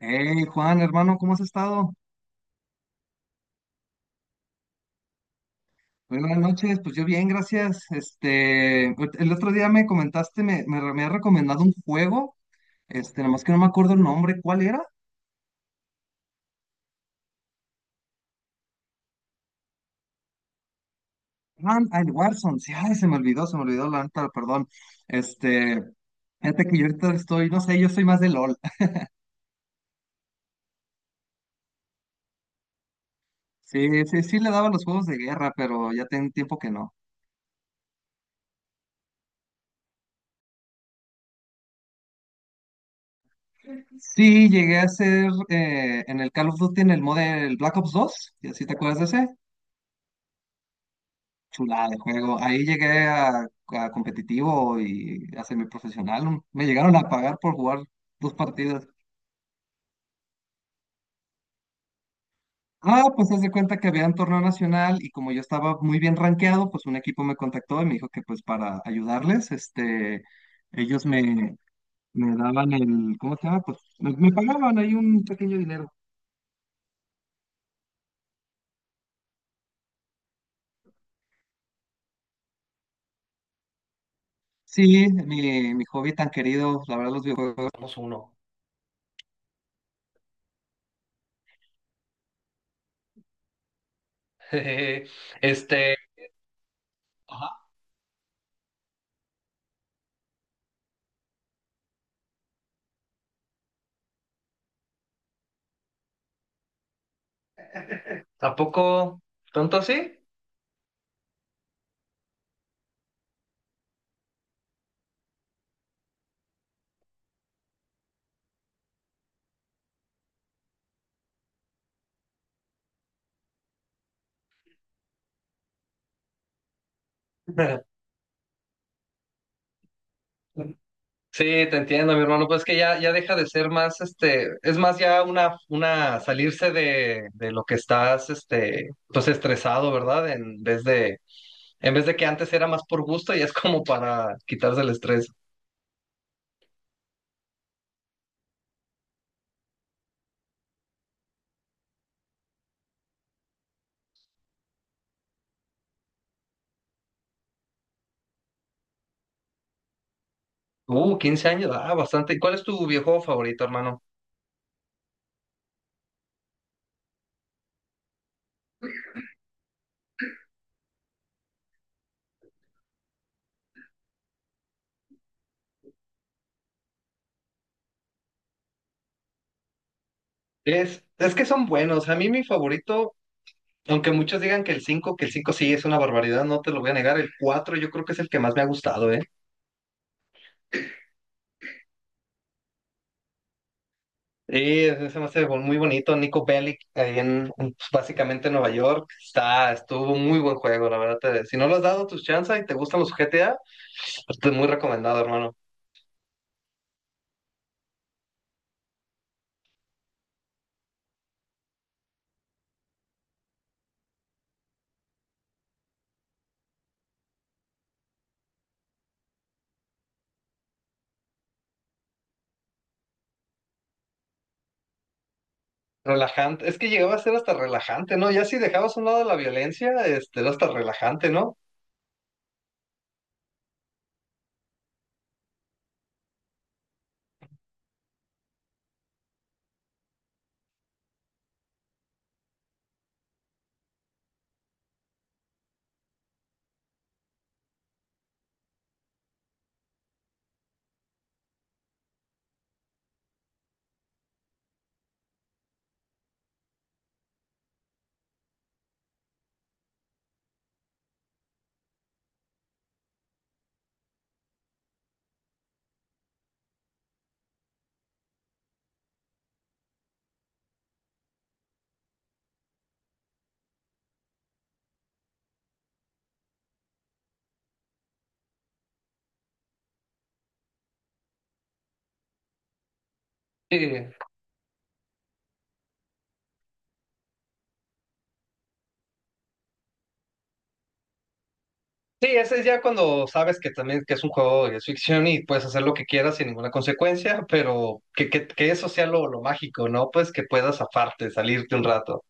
Hey Juan, hermano, ¿cómo has estado? Muy buenas noches, pues yo bien, gracias. Este, pues, el otro día me comentaste, me has recomendado un juego, este, nada más que no me acuerdo el nombre, ¿cuál era? Ah, el Warzone, sí, ay, se me olvidó la neta, perdón. Este, fíjate que yo ahorita estoy, no sé, yo soy más de LOL. Sí, sí, sí le daba los juegos de guerra, pero ya tengo tiempo que no. Sí, llegué a ser en el Call of Duty en el mod del Black Ops dos, ¿y así te acuerdas de ese? Chulada de juego. Ahí llegué a competitivo y a semiprofesional. Me llegaron a pagar por jugar dos partidas. Ah, pues haz de cuenta que había un torneo nacional y como yo estaba muy bien rankeado, pues un equipo me contactó y me dijo que pues para ayudarles, este, ellos me daban el, ¿cómo se llama? Pues me pagaban ahí un pequeño dinero. Sí, mi hobby tan querido, la verdad los videojuegos. Somos uno. Este. Ajá. ¿Tampoco? ¿Tonto así? Sí, te entiendo, mi hermano. Pues que ya, ya deja de ser más, este, es más ya una salirse de lo que estás, este, pues estresado, ¿verdad? En vez de que antes era más por gusto y es como para quitarse el estrés. 15 años, ah, bastante. ¿Y cuál es tu videojuego favorito, hermano? Es que es favorito, aunque muchos digan que el cinco es barbaridad, no te lo voy a negar. El 4, yo creo que es el que más me ha gustado, ¿eh? Sí, ese se me hace muy bonito. Nico Bellic, ahí pues, básicamente en Nueva York, estuvo muy buen juego, la verdad. Si no lo has dado tus chances y te gustan los GTA, pues, te muy recomendado, hermano. Relajante, es que llegaba a ser hasta relajante, ¿no? Ya si dejabas a un lado la violencia, este, era hasta relajante, ¿no? Sí, sí, ese es ya cuando sabes que también que es un juego de ficción y puedes hacer lo que quieras sin ninguna consecuencia, pero que eso sea lo mágico, ¿no? Pues que puedas aparte, salirte un rato.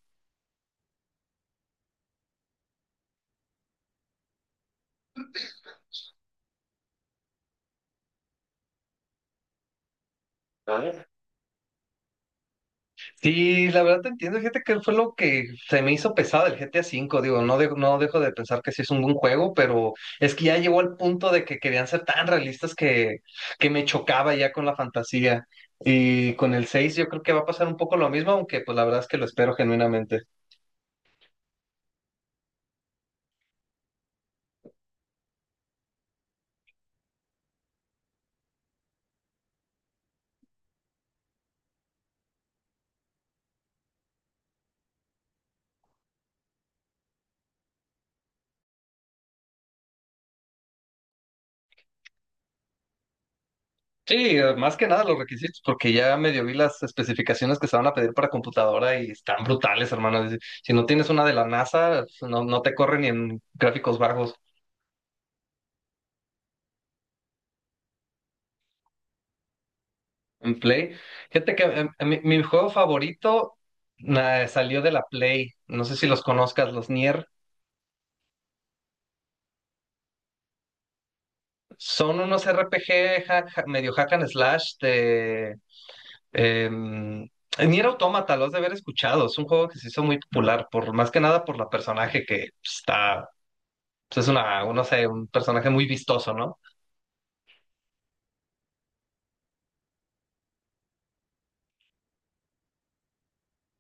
Sí, la verdad te entiendo, fíjate que fue lo que se me hizo pesado el GTA V, digo, no, no dejo de pensar que sí es un buen juego, pero es que ya llegó al punto de que querían ser tan realistas que me chocaba ya con la fantasía. Y con el 6 yo creo que va a pasar un poco lo mismo, aunque pues la verdad es que lo espero genuinamente. Sí, más que nada los requisitos, porque ya medio vi las especificaciones que se van a pedir para computadora y están brutales, hermano. Si si no tienes una de la NASA, no, no te corre ni en gráficos bajos. En Play. Fíjate que mi juego favorito salió de la Play. No sé si los conozcas, los Nier. Son unos RPG medio hack and slash em, Nier Automata, los has de haber escuchado. Es un juego que se hizo muy popular, por, más que nada por la personaje que pues, pues, es una, no sé, un personaje muy vistoso, ¿no?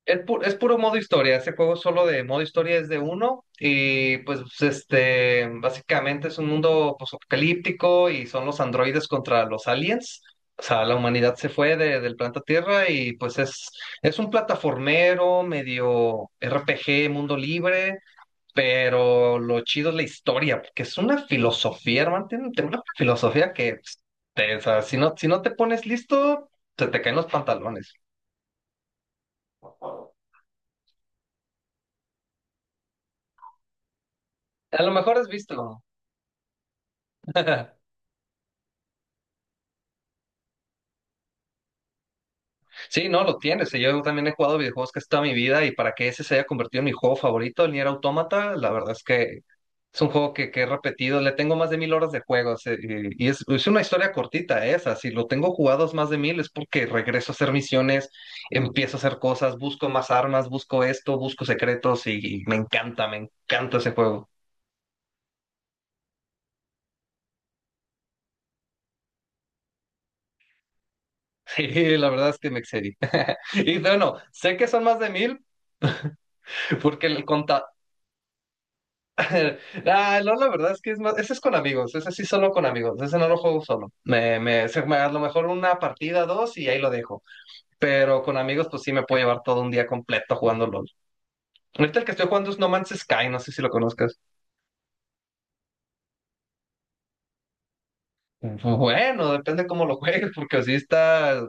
Es puro modo historia, ese juego solo de modo historia es de uno y pues este, básicamente es un mundo apocalíptico y son los androides contra los aliens. O sea, la humanidad se fue del planeta Tierra y pues es, un plataformero medio RPG, mundo libre, pero lo chido es la historia, porque es una filosofía, hermano, tiene una filosofía que, pues, o sea, si no te pones listo, se te caen los pantalones. A lo mejor has visto. Sí, no, lo tienes. Y yo también he jugado videojuegos casi toda mi vida y para que ese se haya convertido en mi juego favorito, el Nier Automata, la verdad es que es un juego que he repetido. Le tengo más de 1.000 horas de juegos y es una historia cortita esa. Si lo tengo jugados más de 1.000 es porque regreso a hacer misiones, empiezo a hacer cosas, busco más armas, busco esto, busco secretos y me encanta ese juego. Sí, la verdad es que me excedí. Y bueno, sé que son más de 1.000 porque Ah, no, la verdad es que es más, ese es con amigos, ese sí solo con amigos, ese no lo juego solo. A lo mejor una partida, dos y ahí lo dejo. Pero con amigos, pues sí me puedo llevar todo un día completo jugando LOL. Ahorita el que estoy jugando es No Man's Sky, no sé si lo conozcas. Bueno, depende cómo lo juegues, porque así está.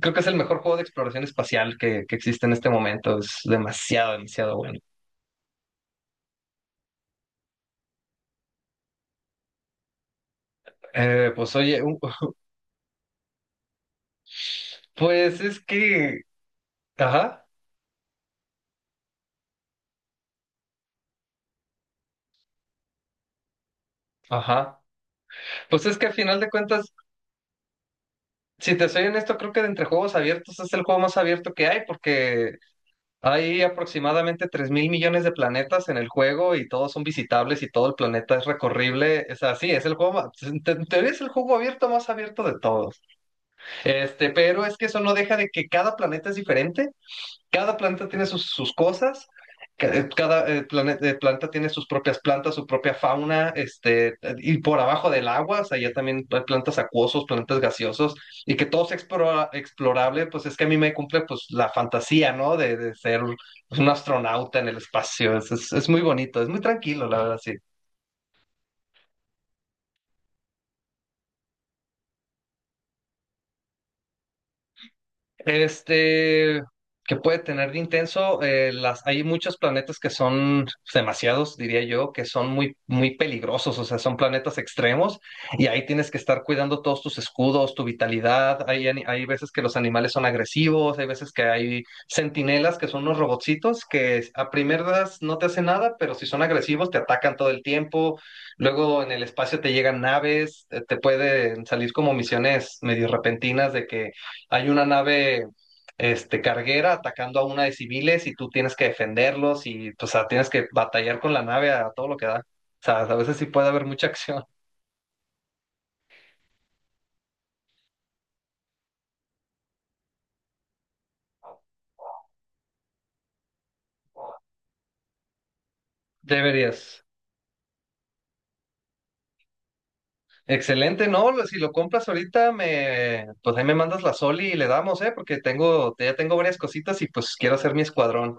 Creo que es el mejor juego de exploración espacial que existe en este momento. Es demasiado, demasiado bueno. Pues oye, pues es que. Ajá, ajá. Pues es que al final de cuentas. Si te soy honesto, creo que de entre juegos abiertos es el juego más abierto que hay porque hay aproximadamente 3.000 millones de planetas en el juego y todos son visitables y todo el planeta es recorrible. Es así, es el juego, en teoría es el juego abierto más abierto de todos. Este, pero es que eso no deja de que cada planeta es diferente, cada planeta tiene sus cosas, planeta tiene sus propias plantas, su propia fauna, este, y por abajo del agua, o sea, ya también hay plantas acuosos, plantas gaseosos, y que todo sea explorable, pues es que a mí me cumple pues la fantasía, ¿no? De ser un astronauta en el espacio, es muy bonito, es muy tranquilo, la verdad, sí. Este, que puede tener de intenso, hay muchos planetas que son demasiados, diría yo, que son muy, muy peligrosos, o sea, son planetas extremos y ahí tienes que estar cuidando todos tus escudos, tu vitalidad. Hay veces que los animales son agresivos, hay veces que hay centinelas que son unos robotcitos que a primeras no te hacen nada, pero si son agresivos te atacan todo el tiempo. Luego en el espacio te llegan naves, te pueden salir como misiones medio repentinas de que hay una nave carguera atacando a una de civiles y tú tienes que defenderlos y o sea, tienes que batallar con la nave a todo lo que da. O sea, a veces sí puede haber mucha acción. Deberías. Excelente, ¿no? Si lo compras ahorita, pues ahí me mandas la Soli y le damos, ¿eh? Porque ya tengo varias cositas y pues quiero hacer mi escuadrón.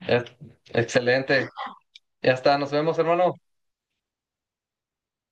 Eh, Excelente. Ya está, nos vemos, hermano.